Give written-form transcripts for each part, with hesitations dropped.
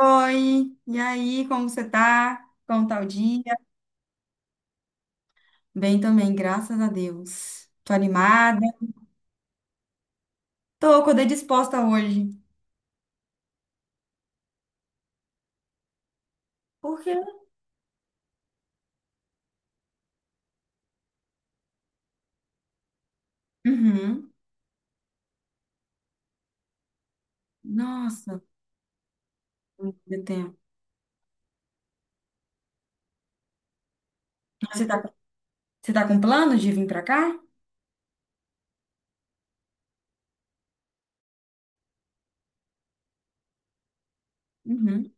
Oi, e aí, como você tá? Como tá o dia? Bem também, graças a Deus. Tô animada. Tô, acordei disposta hoje. Por quê? Uhum. Nossa, muito tempo. Você tá, você tá com plano de vir pra cá? Uhum.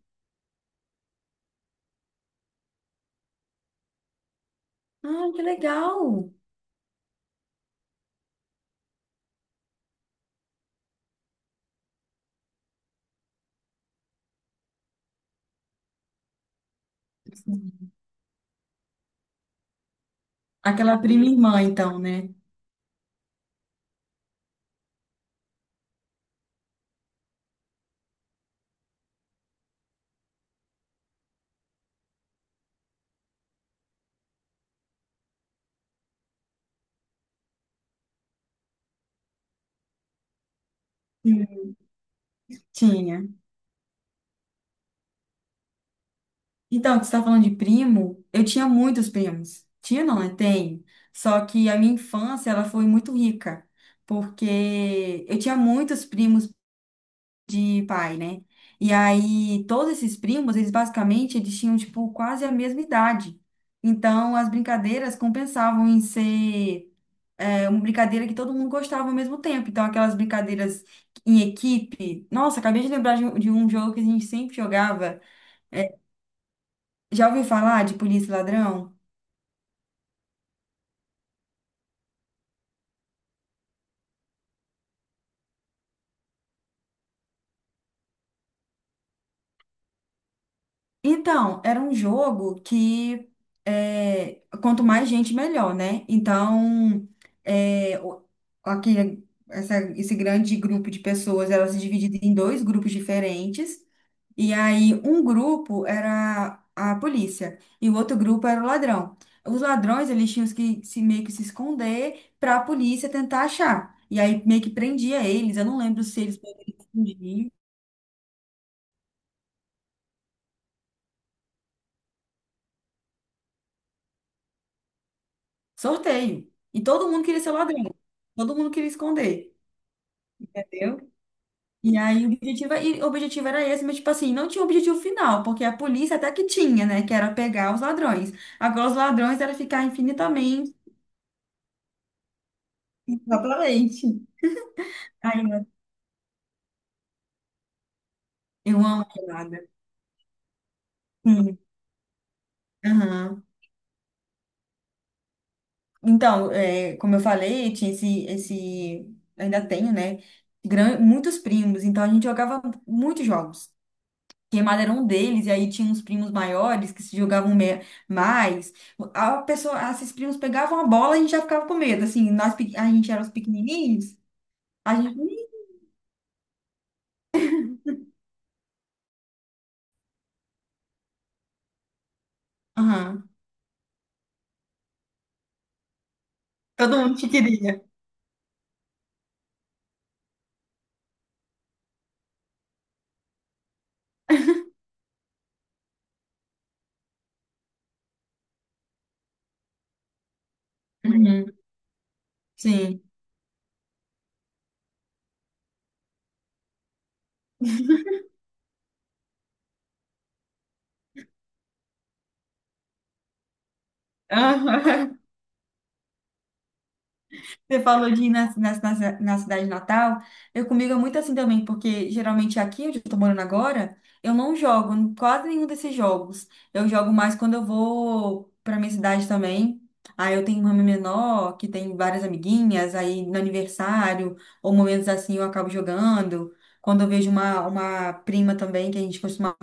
Ah, que legal. Aquela prima irmã, então, né? Sim. Tinha. Então, que você está falando de primo, eu tinha muitos primos. Tinha não, né? Tenho. Só que a minha infância, ela foi muito rica, porque eu tinha muitos primos de pai, né? E aí, todos esses primos, eles basicamente, eles tinham, tipo, quase a mesma idade. Então, as brincadeiras compensavam em ser uma brincadeira que todo mundo gostava ao mesmo tempo. Então, aquelas brincadeiras em equipe. Nossa, acabei de lembrar de um jogo que a gente sempre jogava. Já ouviu falar de polícia e ladrão? Então, era um jogo que é, quanto mais gente, melhor, né? Então, é, o- aqui, esse grande grupo de pessoas, era se dividido em dois grupos diferentes. E aí, um grupo era a polícia e o outro grupo era o ladrão. Os ladrões, eles tinham que se, meio que se esconder para a polícia tentar achar. E aí, meio que prendia eles. Eu não lembro se eles Sorteio. E todo mundo queria ser ladrão. Todo mundo queria esconder, entendeu? E aí o objetivo era esse, mas tipo assim, não tinha um objetivo final, porque a polícia até que tinha, né? Que era pegar os ladrões. Agora os ladrões era ficar infinitamente, exatamente. Aí eu amo queimada. Sim. Aham. Então, como eu falei, tinha esse, ainda tenho, né? Muitos primos, então a gente jogava muitos jogos. Queimada era um deles, e aí tinha uns primos maiores que se jogavam mais. Esses primos pegavam a bola e a gente já ficava com medo. Assim, a gente era os pequenininhos, a gente. Aham. Todo mundo te queria. Uhum. Sim. Aham. Você falou de ir na cidade natal. Eu comigo é muito assim também, porque geralmente aqui onde eu tô morando agora, eu não jogo em quase nenhum desses jogos. Eu jogo mais quando eu vou pra minha cidade também. Aí eu tenho uma irmã menor que tem várias amiguinhas, aí no aniversário, ou momentos assim eu acabo jogando. Quando eu vejo uma prima também, que a gente costumava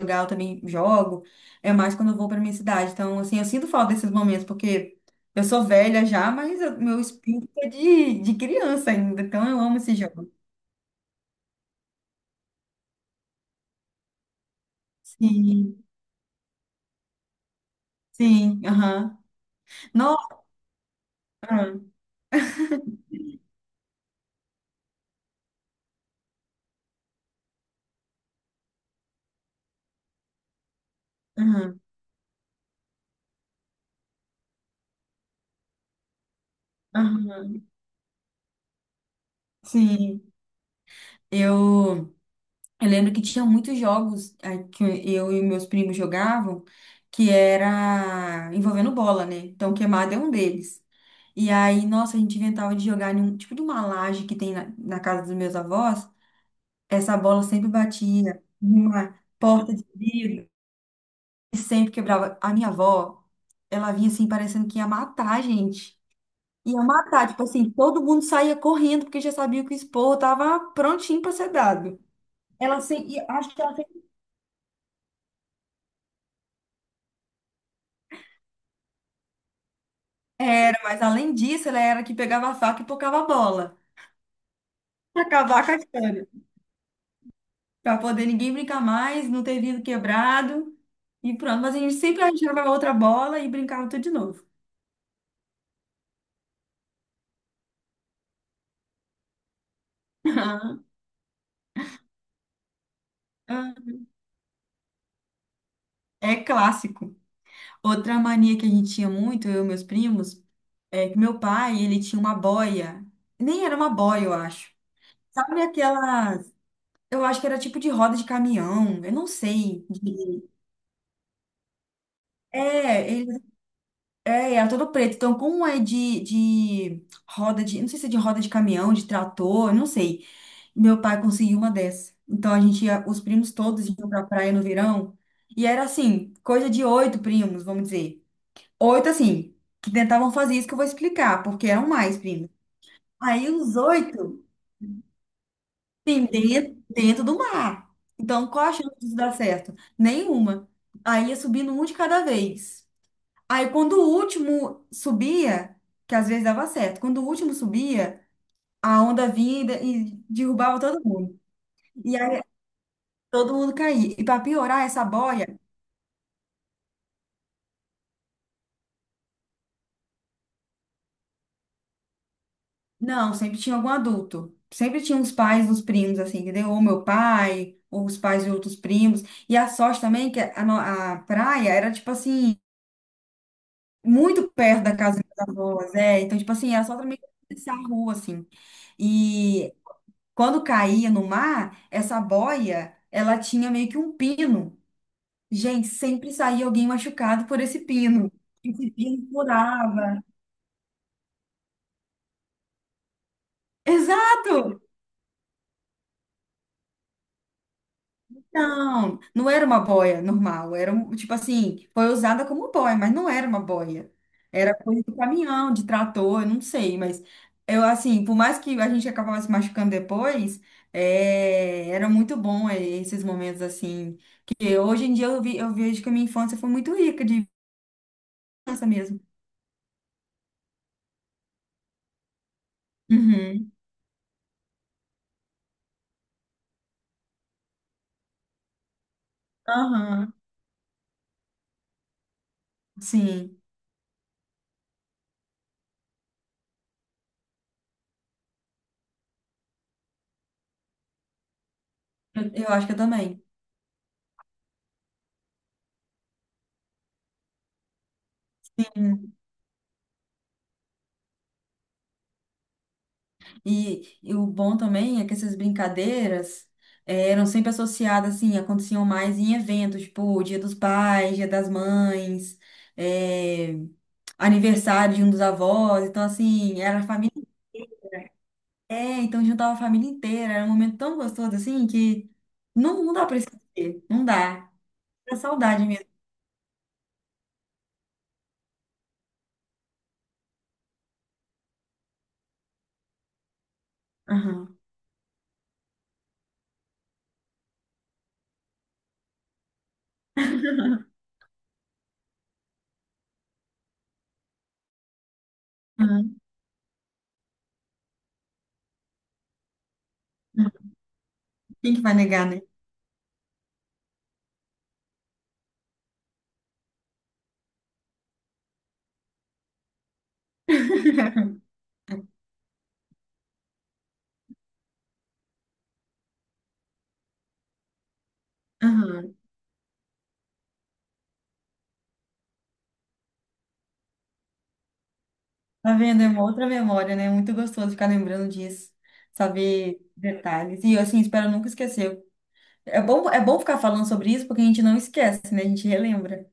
jogar, eu também jogo. É mais quando eu vou pra minha cidade. Então, assim, eu sinto falta desses momentos, porque. Eu sou velha já, mas meu espírito é de criança ainda, então eu amo esse jogo. Sim, sim, aham. Nossa, aham, aham, aham, sim. Eu, eu lembro que tinha muitos jogos que eu e meus primos jogavam que era envolvendo bola, né? Então, queimada é um deles. E aí, nossa, a gente inventava de jogar em um tipo de uma laje que tem na casa dos meus avós. Essa bola sempre batia numa porta de vidro. E sempre quebrava. A minha avó, ela vinha assim, parecendo que ia matar a gente. Ia matar, tipo assim, todo mundo saía correndo porque já sabia que o esporro tava prontinho pra ser dado. Ela sem, era, mas além disso, ela era que pegava a faca e pocava a bola. Pra acabar com a história. Pra poder ninguém brincar mais, não ter vidro quebrado. E pronto, mas a gente sempre arranjava outra bola e brincava tudo de novo. É clássico. Outra mania que a gente tinha muito, eu e meus primos, é que meu pai, ele tinha uma boia. Nem era uma boia, eu acho. Sabe aquelas. Eu acho que era tipo de roda de caminhão, eu não sei. É, ele era todo preto. Então, como é de roda de. Não sei se é de roda de caminhão, de trator, eu não sei. Meu pai conseguiu uma dessa. Então, a gente ia, os primos todos iam pra praia no verão. E era assim, coisa de oito primos, vamos dizer. Oito, assim, que tentavam fazer isso que eu vou explicar, porque eram mais primos. Aí, os oito. Sim, dentro do mar. Então, qual a chance disso dar certo? Nenhuma. Aí ia subindo um de cada vez. Aí, quando o último subia, que às vezes dava certo, quando o último subia, a onda vinha e e derrubava todo mundo. E aí todo mundo caía. E para piorar essa boia, não, sempre tinha algum adulto. Sempre tinha os pais dos primos, assim, entendeu? Ou meu pai, ou os pais de outros primos. E a sorte também, é que a, no- a praia era tipo assim. Muito perto da casa das minhas avós, é. Então, tipo assim, era só também atravessar a rua, assim. E quando caía no mar, essa boia, ela tinha meio que um pino. Gente, sempre saía alguém machucado por esse pino. Esse pino furava. Exato! Não, não era uma boia normal, era um, tipo assim, foi usada como boia, mas não era uma boia. Era coisa de caminhão, de trator, eu não sei, mas eu assim, por mais que a gente acabava se machucando depois, era muito bom esses momentos assim. Porque hoje em dia eu vejo que a minha infância foi muito rica de infância mesmo. Uhum. Aham. Sim, eu acho que eu também. E o bom também é que essas brincadeiras eram sempre associadas, assim, aconteciam mais em eventos, tipo Dia dos Pais, Dia das Mães, eh, aniversário de um dos avós. Então, assim, era a família inteira, então juntava a família inteira. Era um momento tão gostoso, assim, que não, não dá pra esquecer, não dá. É saudade mesmo. Aham, aham, aham. Quem que vai negar, né? Aham. Tá vendo? É uma outra memória, né? É muito gostoso ficar lembrando disso, saber detalhes. E eu, assim, espero nunca esquecer. É bom ficar falando sobre isso porque a gente não esquece, né? A gente relembra.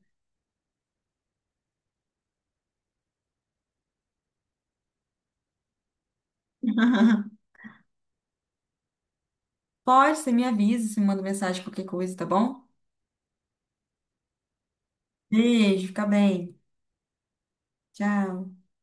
Pode, você me avisa, você me manda mensagem, qualquer coisa, tá bom? Beijo, fica bem. Tchau.